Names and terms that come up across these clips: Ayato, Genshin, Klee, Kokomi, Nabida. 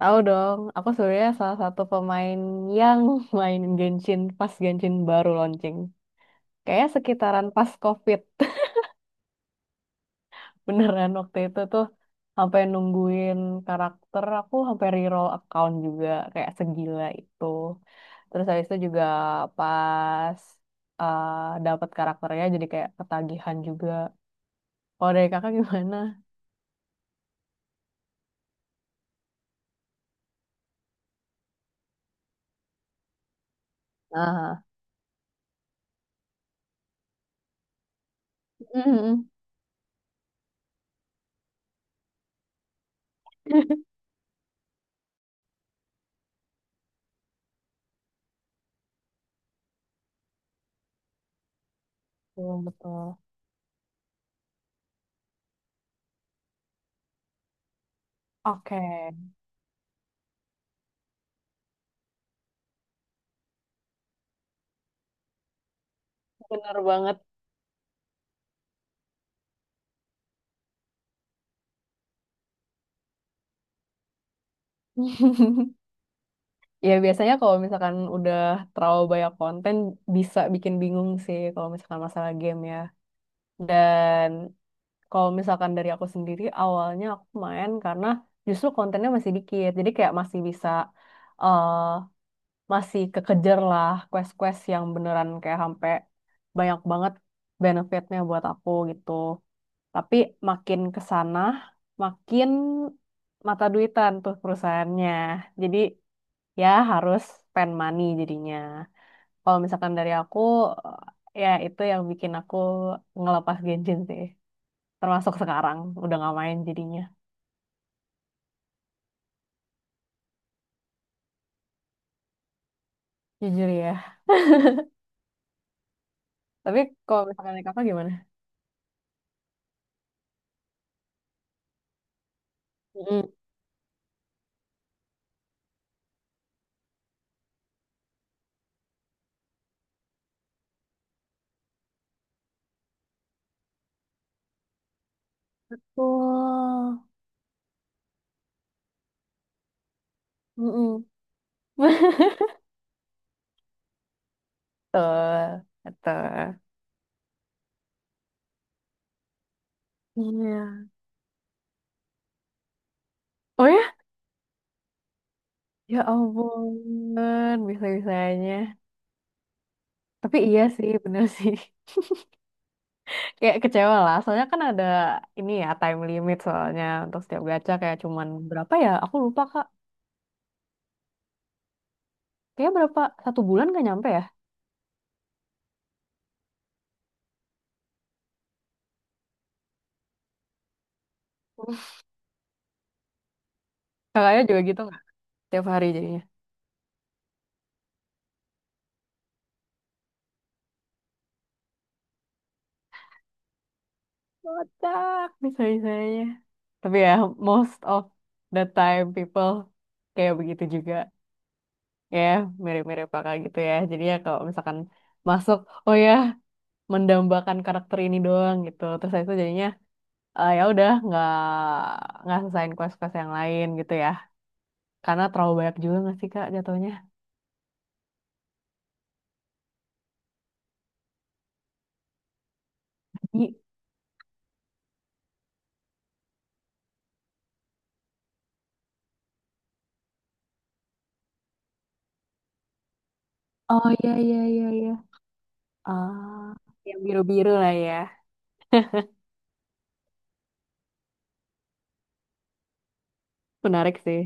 Tahu dong, aku sebenarnya salah satu pemain yang main Genshin pas Genshin baru launching. Kayaknya sekitaran pas COVID. Beneran waktu itu tuh sampai nungguin karakter, aku sampai reroll account juga kayak segila itu. Terus habis itu juga pas eh, dapat karakternya jadi kayak ketagihan juga. Kalau dari kakak gimana? Nah, betul, betul. Oke, bener banget. Ya biasanya kalau misalkan udah terlalu banyak konten bisa bikin bingung sih kalau misalkan masalah game ya. Dan kalau misalkan dari aku sendiri awalnya aku main karena justru kontennya masih dikit. Jadi kayak masih bisa eh masih kekejar lah quest-quest yang beneran kayak sampai banyak banget benefitnya buat aku gitu. Tapi makin ke sana makin mata duitan tuh perusahaannya. Jadi ya harus spend money jadinya. Kalau misalkan dari aku, ya itu yang bikin aku ngelepas Genshin sih. Termasuk sekarang, udah gak main jadinya. Jujur ya. Tapi kalau misalkan dari kakak gimana? Mm-mm. Oh, mm-mm. Betul, betul. Iya. Oh ya? Ya ampun, bisa-bisanya. Tapi iya sih, bener sih. Kayak kecewa lah, soalnya kan ada ini ya, time limit soalnya untuk setiap gacha kayak cuman berapa ya, aku lupa Kak, kayak berapa satu bulan gak nyampe ya. Kakaknya juga gitu nggak setiap hari jadinya. Kocak misalnya, tapi ya most of the time people kayak begitu juga ya, mirip-mirip kakak gitu ya, jadi ya kalau misalkan masuk, oh ya, mendambakan karakter ini doang gitu terus saya itu jadinya ya udah nggak selesain quest-quest yang lain gitu ya. Karena terlalu banyak juga nggak sih Kak jatuhnya? Jadi, oh iya iya iya iya. Ah, yang biru-biru lah ya. Menarik sih.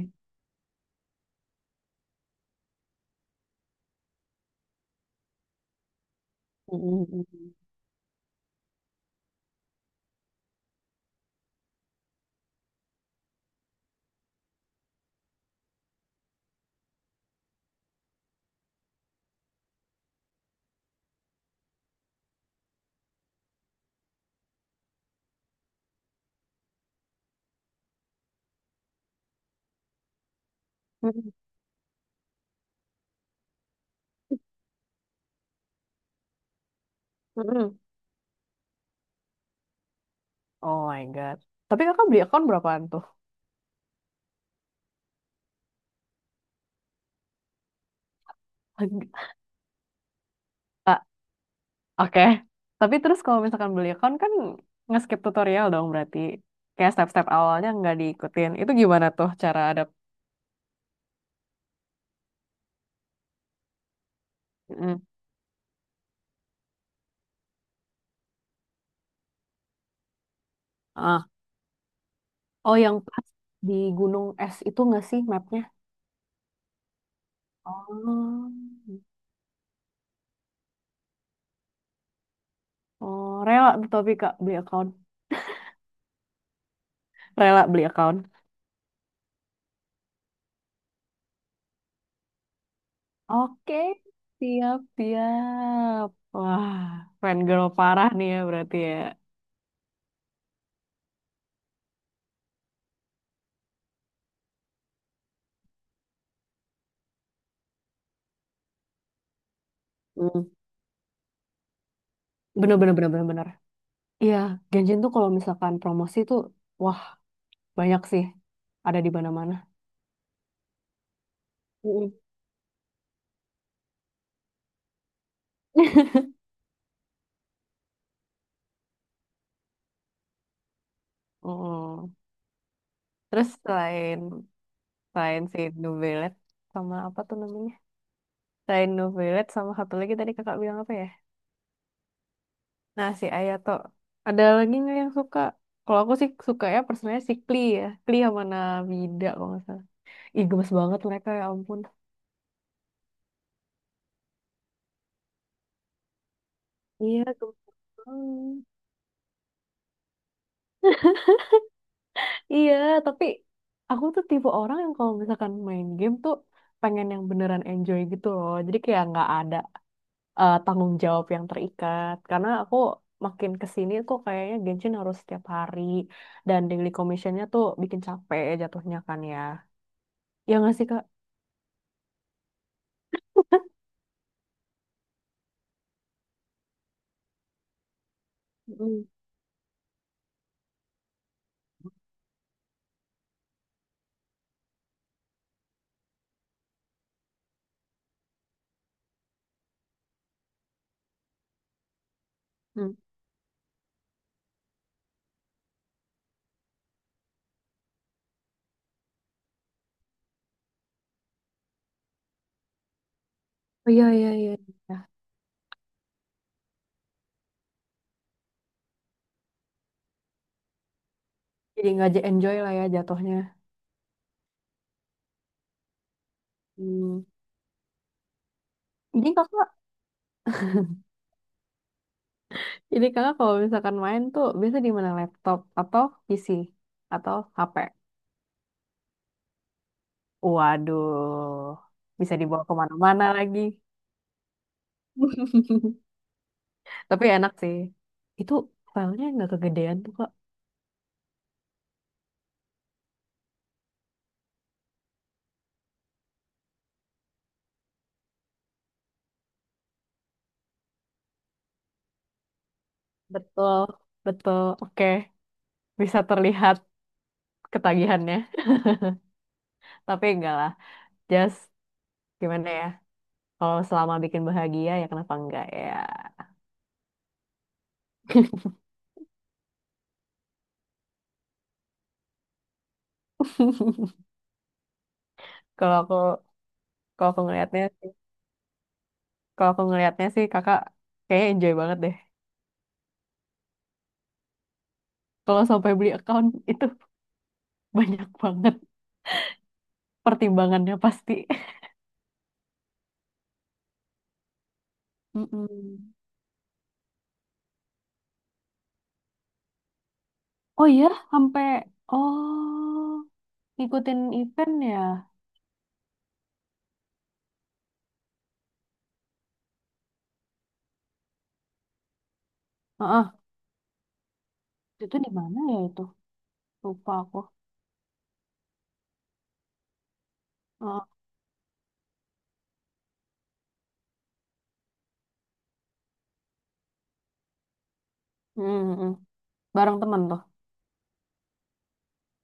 Mm, mm, mm. Mm, mm, mm. Oh my God. Tapi kakak beli account berapaan tuh? Ah, oke. Tapi terus kalau misalkan beli account kan nge-skip tutorial dong berarti. Kayak step-step awalnya nggak diikutin. Itu gimana tuh cara ada... Mm. Ah. Oh yang pas di Gunung Es itu nggak sih mapnya? Oh. Oh, rela tuh tapi Kak beli account. Rela beli account. Oke, siap-siap. Wah, fangirl parah nih ya berarti ya. Hmm. Bener, bener, bener, bener, bener. Iya, Genjin tuh kalau misalkan promosi tuh, wah banyak sih. Ada di mana-mana. Mm-mm. Mm-mm. Terus selain si New Ballet, sama apa tuh namanya? Selain New Ballet, sama satu lagi tadi kakak bilang apa ya? Nah, si Ayato. Ada lagi nggak yang suka? Kalau aku sih suka ya personanya si Klee ya. Klee sama Nabida kalau nggak salah. Ih, gemes banget mereka ya ampun. Iya, gemes banget. Iya, tapi aku tuh tipe orang yang kalau misalkan main game tuh pengen yang beneran enjoy gitu loh. Jadi kayak nggak ada tanggung jawab yang terikat. Karena aku makin kesini kok kayaknya Genshin harus setiap hari dan daily commissionnya tuh bikin capek ya jatuhnya kan ya. Ya nggak sih Kak? Mm. Hmm. Oh, iya, iya, iya. Ya, jadi nggak enjoy lah ya jatuhnya. Hmm. Jadi kakak Jadi kakak kalau misalkan main tuh biasa di mana, laptop atau PC atau HP? Waduh, bisa dibawa kemana-mana lagi. Tapi enak sih. Itu filenya nggak kegedean tuh Kak. Betul, betul. Oke, bisa terlihat ketagihannya. Tapi enggak lah. Just gimana ya? Kalau selama bikin bahagia ya kenapa enggak ya? Kalau aku kalau aku ngelihatnya sih, Kalau aku ngelihatnya sih kakak kayaknya enjoy banget deh. Kalau sampai beli account itu banyak banget pertimbangannya pasti. Mm-mm. Oh iya, sampai oh ngikutin event ya. Heeh. Itu di mana ya itu? Lupa aku. Heeh. Mm, mm. Bareng temen tuh.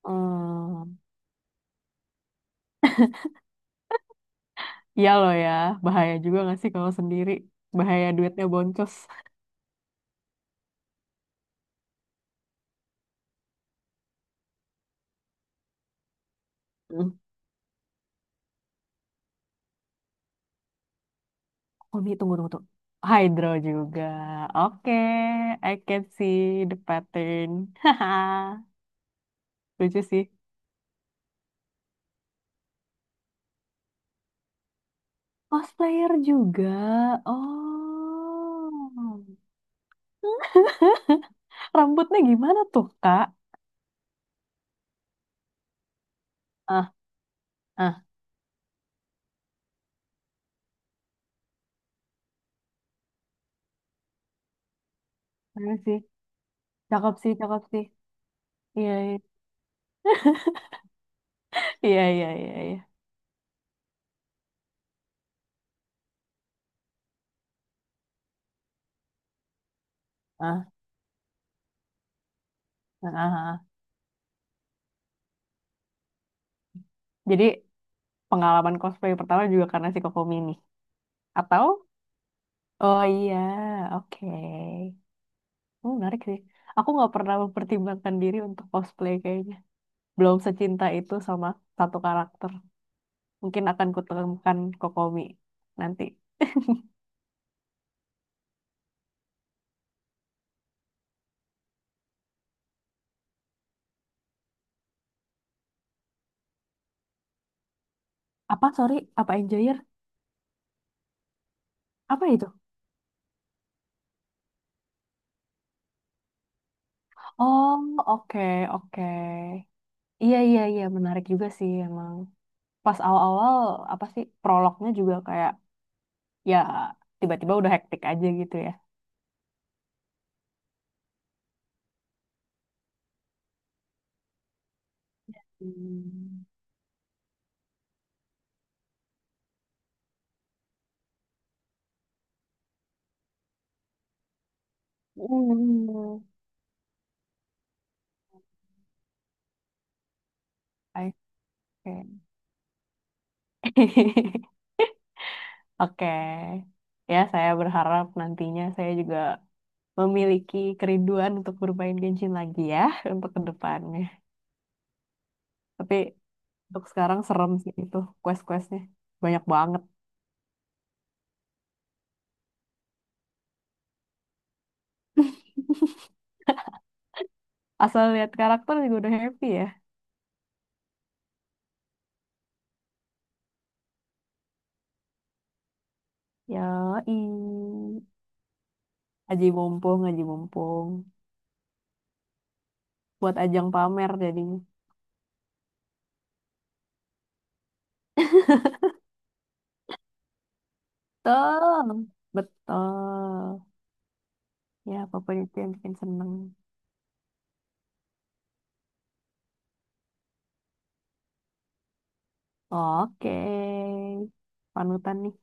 Hmm. Iya loh ya, bahaya juga gak sih kalau sendiri? Bahaya duitnya boncos. Hmm. Oh nih, tunggu, tunggu, tunggu. Hydro juga. Oke, I can see the pattern. Haha, lucu sih. Cosplayer juga. Oh. Rambutnya gimana tuh, Kak? Ah, ah, keren sih. Cakep sih, cakep sih. Iya, iya, iya, iya, iya. Iya. Ah, ah, ah, ah. Jadi pengalaman cosplay pertama juga karena si Kokomi ini. Atau? Oh iya, oke. Oh, menarik sih. Aku nggak pernah mempertimbangkan diri untuk cosplay kayaknya. Belum secinta itu sama satu karakter. Mungkin akan kutemukan Kokomi nanti. Apa, sorry, apa Enjoyer? Apa itu? Oh, oke, oke. Iya, iya, iya, menarik juga sih emang. Pas awal-awal, apa sih, prolognya juga kayak, ya, tiba-tiba udah hektik aja gitu ya. Hmm. Hmm. Oke. Oke. Ya, saya berharap nantinya saya juga memiliki kerinduan untuk bermain Genshin lagi ya, untuk kedepannya. Tapi untuk sekarang serem sih itu quest-questnya. Banyak banget. Asal lihat karakter juga udah happy ya. Ya, aji mumpung, aji mumpung. Buat ajang pamer jadinya. Betul. Betul. Ya, apapun itu yang bikin seneng. Oke. Panutan nih.